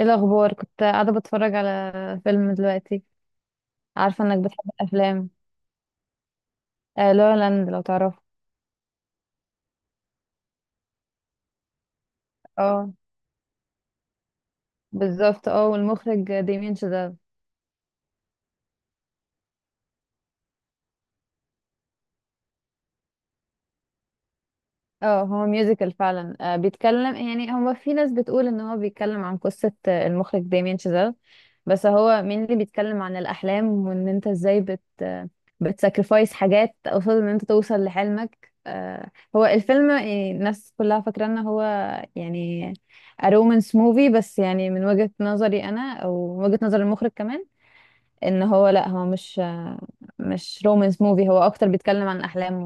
ايه الاخبار؟ كنت قاعده بتفرج على فيلم دلوقتي. عارفه انك بتحب الافلام. آه، لا لاند لو تعرفه. اه، بالظبط. اه، والمخرج ديمين. اه، هو ميوزيكال فعلا. بيتكلم، يعني هو في ناس بتقول ان هو بيتكلم عن قصة. المخرج داميان شازيل. بس هو مين اللي بيتكلم عن الأحلام، وان انت ازاي بت آه، بتساكرفايس حاجات قصاد ان انت توصل لحلمك. هو الفيلم، يعني الناس كلها فاكرة ان هو يعني رومانس موفي. بس يعني من وجهة نظري انا او وجهة نظر المخرج كمان، ان هو لا، هو مش رومانس موفي. هو اكتر بيتكلم عن الاحلام،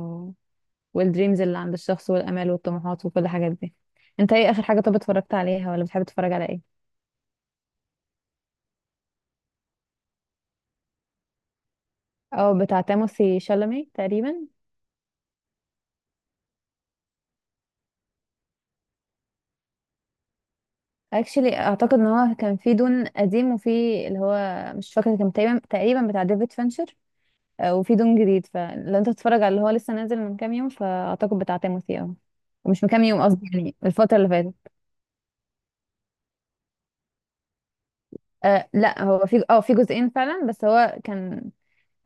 والدريمز اللي عند الشخص، والامال والطموحات وكل الحاجات دي. انت ايه اخر حاجه طب اتفرجت عليها؟ ولا بتحب تتفرج على ايه؟ اه، بتاع تيموثي شالامي تقريبا. اكشلي اعتقد ان هو كان في دون قديم وفي، اللي هو مش فاكره، كان تقريبا بتاع ديفيد فينشر. وفي دون جديد، فلو انت تتفرج على اللي هو لسه نازل من كام يوم، فاعتقد بتاع تيموثي. اه. ومش من كام يوم قصدي، يعني الفتره اللي فاتت. لا، هو في جزئين فعلا. بس هو كان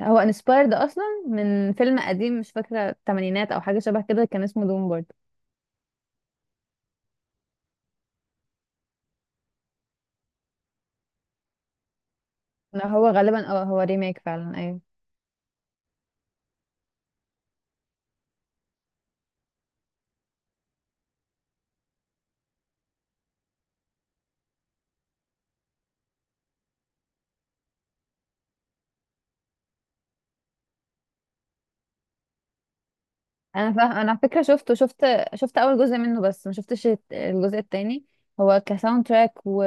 هو انسبايرد اصلا من فيلم قديم، مش فاكره، الثمانينات او حاجه شبه كده، كان اسمه دوم برضه. لا، هو غالبا هو ريميك فعلا. ايوه. انا فاهم. انا على فكره شفت اول جزء منه، بس ما شفتش الجزء التاني. هو كساوند تراك، و...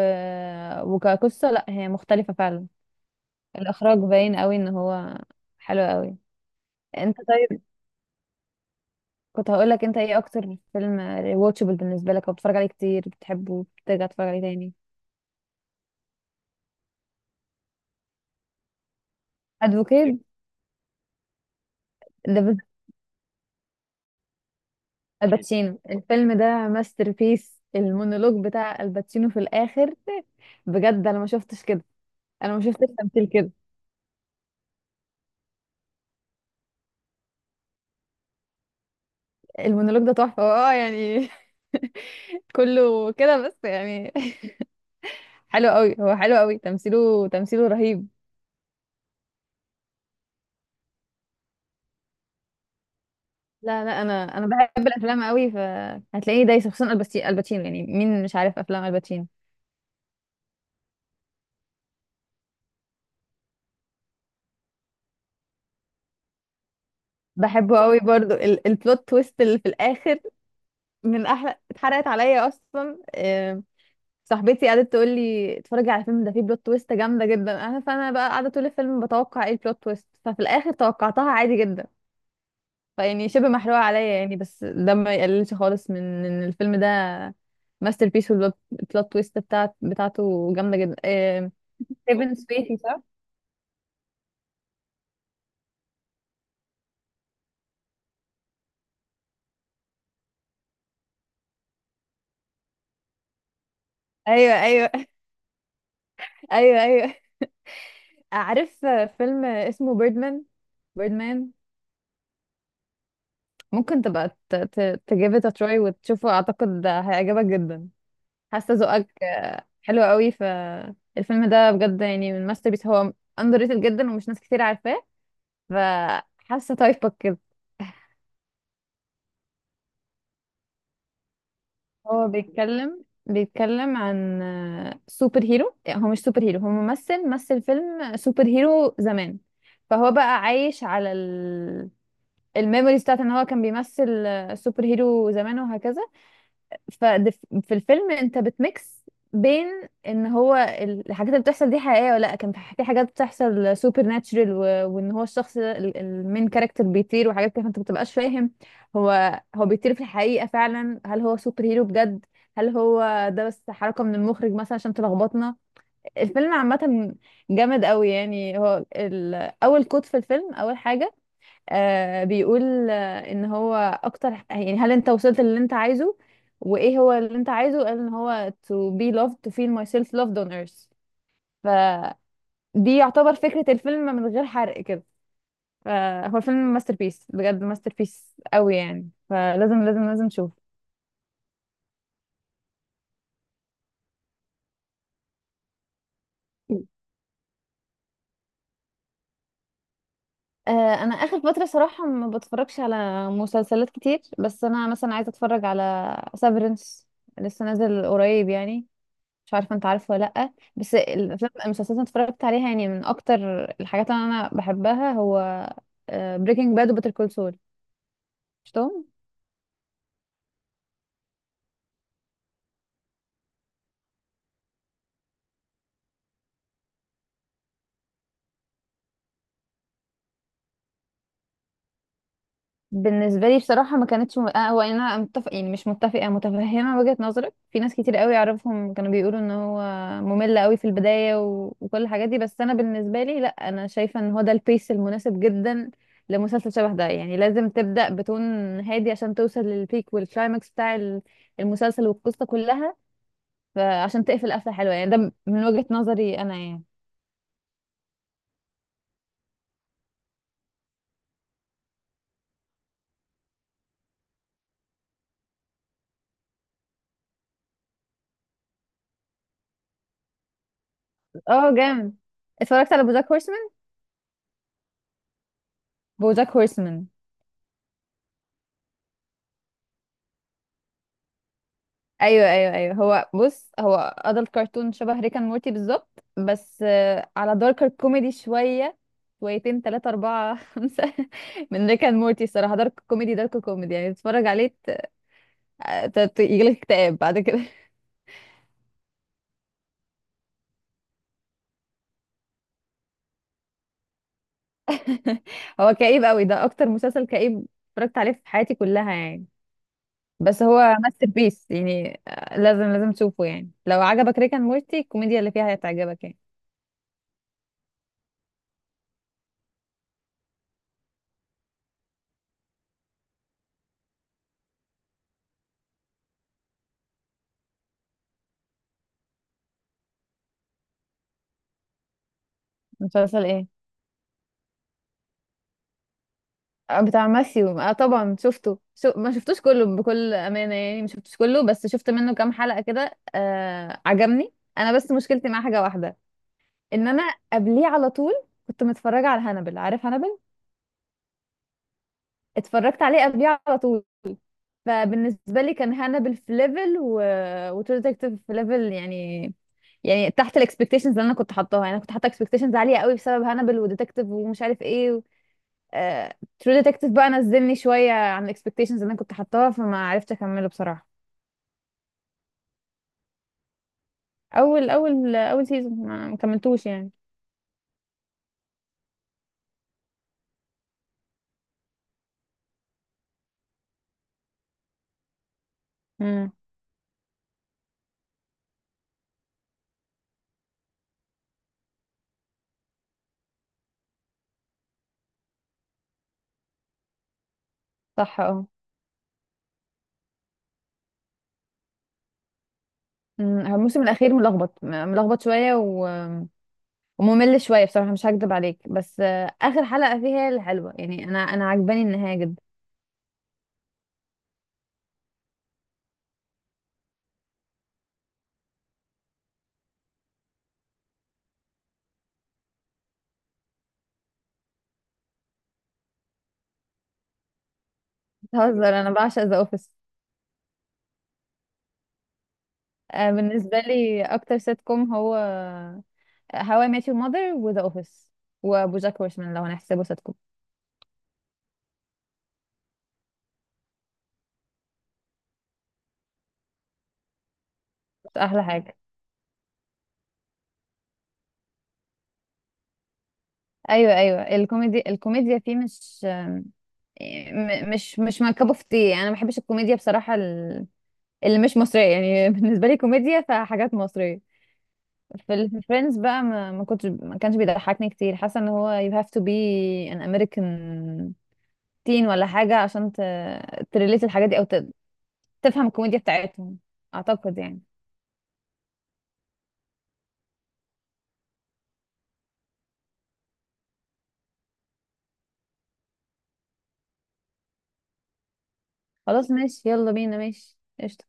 وكقصه، لا، هي مختلفه فعلا. الاخراج باين قوي ان هو حلو قوي. انت طيب؟ كنت هقول لك، انت ايه اكتر فيلم واتشبل بالنسبه لك او بتتفرج عليه كتير، بتحبه بترجع تتفرج عليه تاني؟ ادفوكيت. ده الباتشينو. الفيلم ده ماستر بيس. المونولوج بتاع الباتشينو في الاخر، بجد انا ما شفتش كده، انا ما شفتش تمثيل كده. المونولوج ده تحفه، اه يعني. كله كده بس يعني. حلو قوي، هو حلو قوي. تمثيله، تمثيله رهيب. لا، لا، انا بحب الافلام قوي، فهتلاقيني دايسه، خصوصا الباتشينو، يعني مين مش عارف افلام الباتشينو؟ بحبه قوي برضو البلوت تويست اللي في الاخر، من احلى، اتحرقت عليا اصلا. صاحبتي قعدت تقول لي اتفرجي على الفيلم ده، فيه بلوت تويست جامده جدا. انا، فانا بقى قاعده طول الفيلم بتوقع ايه البلوت تويست، ففي الاخر توقعتها عادي جدا. فيعني شبه محروقه عليا يعني، بس ده ما يقللش خالص من ان الفيلم ده ماستر بيس، والبلوت تويست بتاعته جامده جدا. كيفن سبيسي صح؟ ايوه، ايوه. ايوه، ايوه. عارف فيلم اسمه بيردمان. بيردمان؟ ممكن تبقى تجيب it a try وتشوفه، اعتقد هيعجبك جدا. حاسه ذوقك حلو قوي. الفيلم ده بجد يعني من ماستر بيس، هو اندر ريتد جدا، ومش ناس كتير عارفاه، فحاسه تايبك كده. هو بيتكلم عن سوبر هيرو. يعني هو مش سوبر هيرو، هو ممثل مثل فيلم سوبر هيرو زمان. فهو بقى عايش على الميموريز، بتاعت ان هو كان بيمثل سوبر هيرو زمان، وهكذا. ففي الفيلم انت بتميكس بين ان هو الحاجات اللي بتحصل دي حقيقيه ولا لا، كان في في حاجات بتحصل سوبر ناتشرال. وان هو الشخص ده، المين كاركتر، بيطير وحاجات كده، فانت بتبقاش فاهم. هو بيطير في الحقيقه فعلا؟ هل هو سوبر هيرو بجد؟ هل هو ده بس حركه من المخرج مثلا عشان تلخبطنا؟ الفيلم عامه جامد قوي يعني. هو اول كوت في الفيلم، اول حاجه، بيقول ان هو اكتر، يعني هل انت وصلت للي انت عايزه؟ وايه هو اللي انت عايزه؟ قال ان هو to be loved, to feel myself loved on earth. فدي يعتبر فكرة الفيلم من غير حرق كده. فهو فيلم ماستر بيس بجد، ماستر بيس قوي يعني، فلازم لازم لازم نشوف. آه انا اخر فترة صراحة ما بتفرجش على مسلسلات كتير، بس انا مثلا عايزة اتفرج على سافرنس. لسه نازل قريب يعني. مش عارفه انت عارفه ولا لا. بس المسلسلات اللي اتفرجت عليها يعني، من اكتر الحاجات اللي انا بحبها هو بريكنج باد وبيتر كول سول. شفتهم؟ بالنسبه لي بصراحه، ما كانتش م... آه، هو انا متفق يعني، مش متفقه، متفهمه وجهه نظرك. في ناس كتير قوي اعرفهم كانوا بيقولوا ان هو ممل قوي في البدايه، و... وكل الحاجات دي، بس انا بالنسبه لي لا، انا شايفه ان هو ده البيس المناسب جدا لمسلسل شبه ده. يعني لازم تبدا بتون هادي عشان توصل للبيك والكلايماكس بتاع المسلسل والقصه كلها، فعشان تقفل قفله حلوه يعني. ده من وجهه نظري انا يعني. اه جامد. اتفرجت على بوجاك هورسمان. بوجاك هورسمان؟ ايوه، ايوه، ايوه. هو بص، هو ادلت كرتون شبه ريكان مورتي بالظبط، بس على داركر كوميدي شويه، شويتين تلاتة أربعة خمسة من ريكان مورتي الصراحة. دارك كوميدي، دارك كوميدي يعني، تتفرج عليه يجيلك اكتئاب بعد كده. هو كئيب قوي. ده أكتر مسلسل كئيب اتفرجت عليه في حياتي كلها يعني. بس هو ماستر بيس يعني. لازم لازم تشوفه. يعني لو عجبك ريكان مورتي، الكوميديا اللي فيها هتعجبك يعني. مسلسل ايه؟ بتاع ماثيو. اه طبعا شفته، شو ما شفتوش كله بكل امانه يعني، ما شفتوش كله بس شفت منه كام حلقه كده. عجبني انا، بس مشكلتي مع حاجه واحده. ان انا قبليه على طول كنت متفرجه على هانبل. عارف هانبل؟ اتفرجت عليه قبليه على طول. فبالنسبة لي كان هانبل في ليفل و... وترو ديتكتيف في ليفل يعني، يعني تحت الاكسبكتيشنز اللي انا كنت حطاها يعني. انا كنت حاطه اكسبكتيشنز عاليه قوي بسبب هانبل وديتكتيف ومش عارف ايه ترو ديتكتيف بقى نزلني شويه عن الاكسبكتيشنز اللي انا كنت حطاها، فما عرفتش اكمله بصراحه. اول سيزون ما كملتوش يعني. امم. صح اه. هو الموسم الاخير ملخبط، ملخبط شويه و... وممل شويه بصراحه، مش هكدب عليك. بس اخر حلقه فيها هي الحلوه يعني، انا عجباني النهايه جدا. بتهزر؟ انا بعشق ذا اوفيس. بالنسبه لي اكتر سيت كوم هو هاو اي ميت يور ماذر وذا اوفيس وبوجاك هورسمان، لو هنحسبه سيت كوم. احلى حاجه. ايوه، ايوه، الكوميديا فيه مش مش ماي كاب اوف تي. انا ما بحبش الكوميديا بصراحه، اللي مش مصريه يعني. بالنسبه لي كوميديا فحاجات مصريه. في فريندز بقى ما كانش بيضحكني كتير، حاسه ان هو you have to be an American teen ولا حاجه عشان تريليت الحاجات دي او تفهم الكوميديا بتاعتهم، اعتقد يعني. خلاص ماشي، يلا بينا ماشي. قشطة.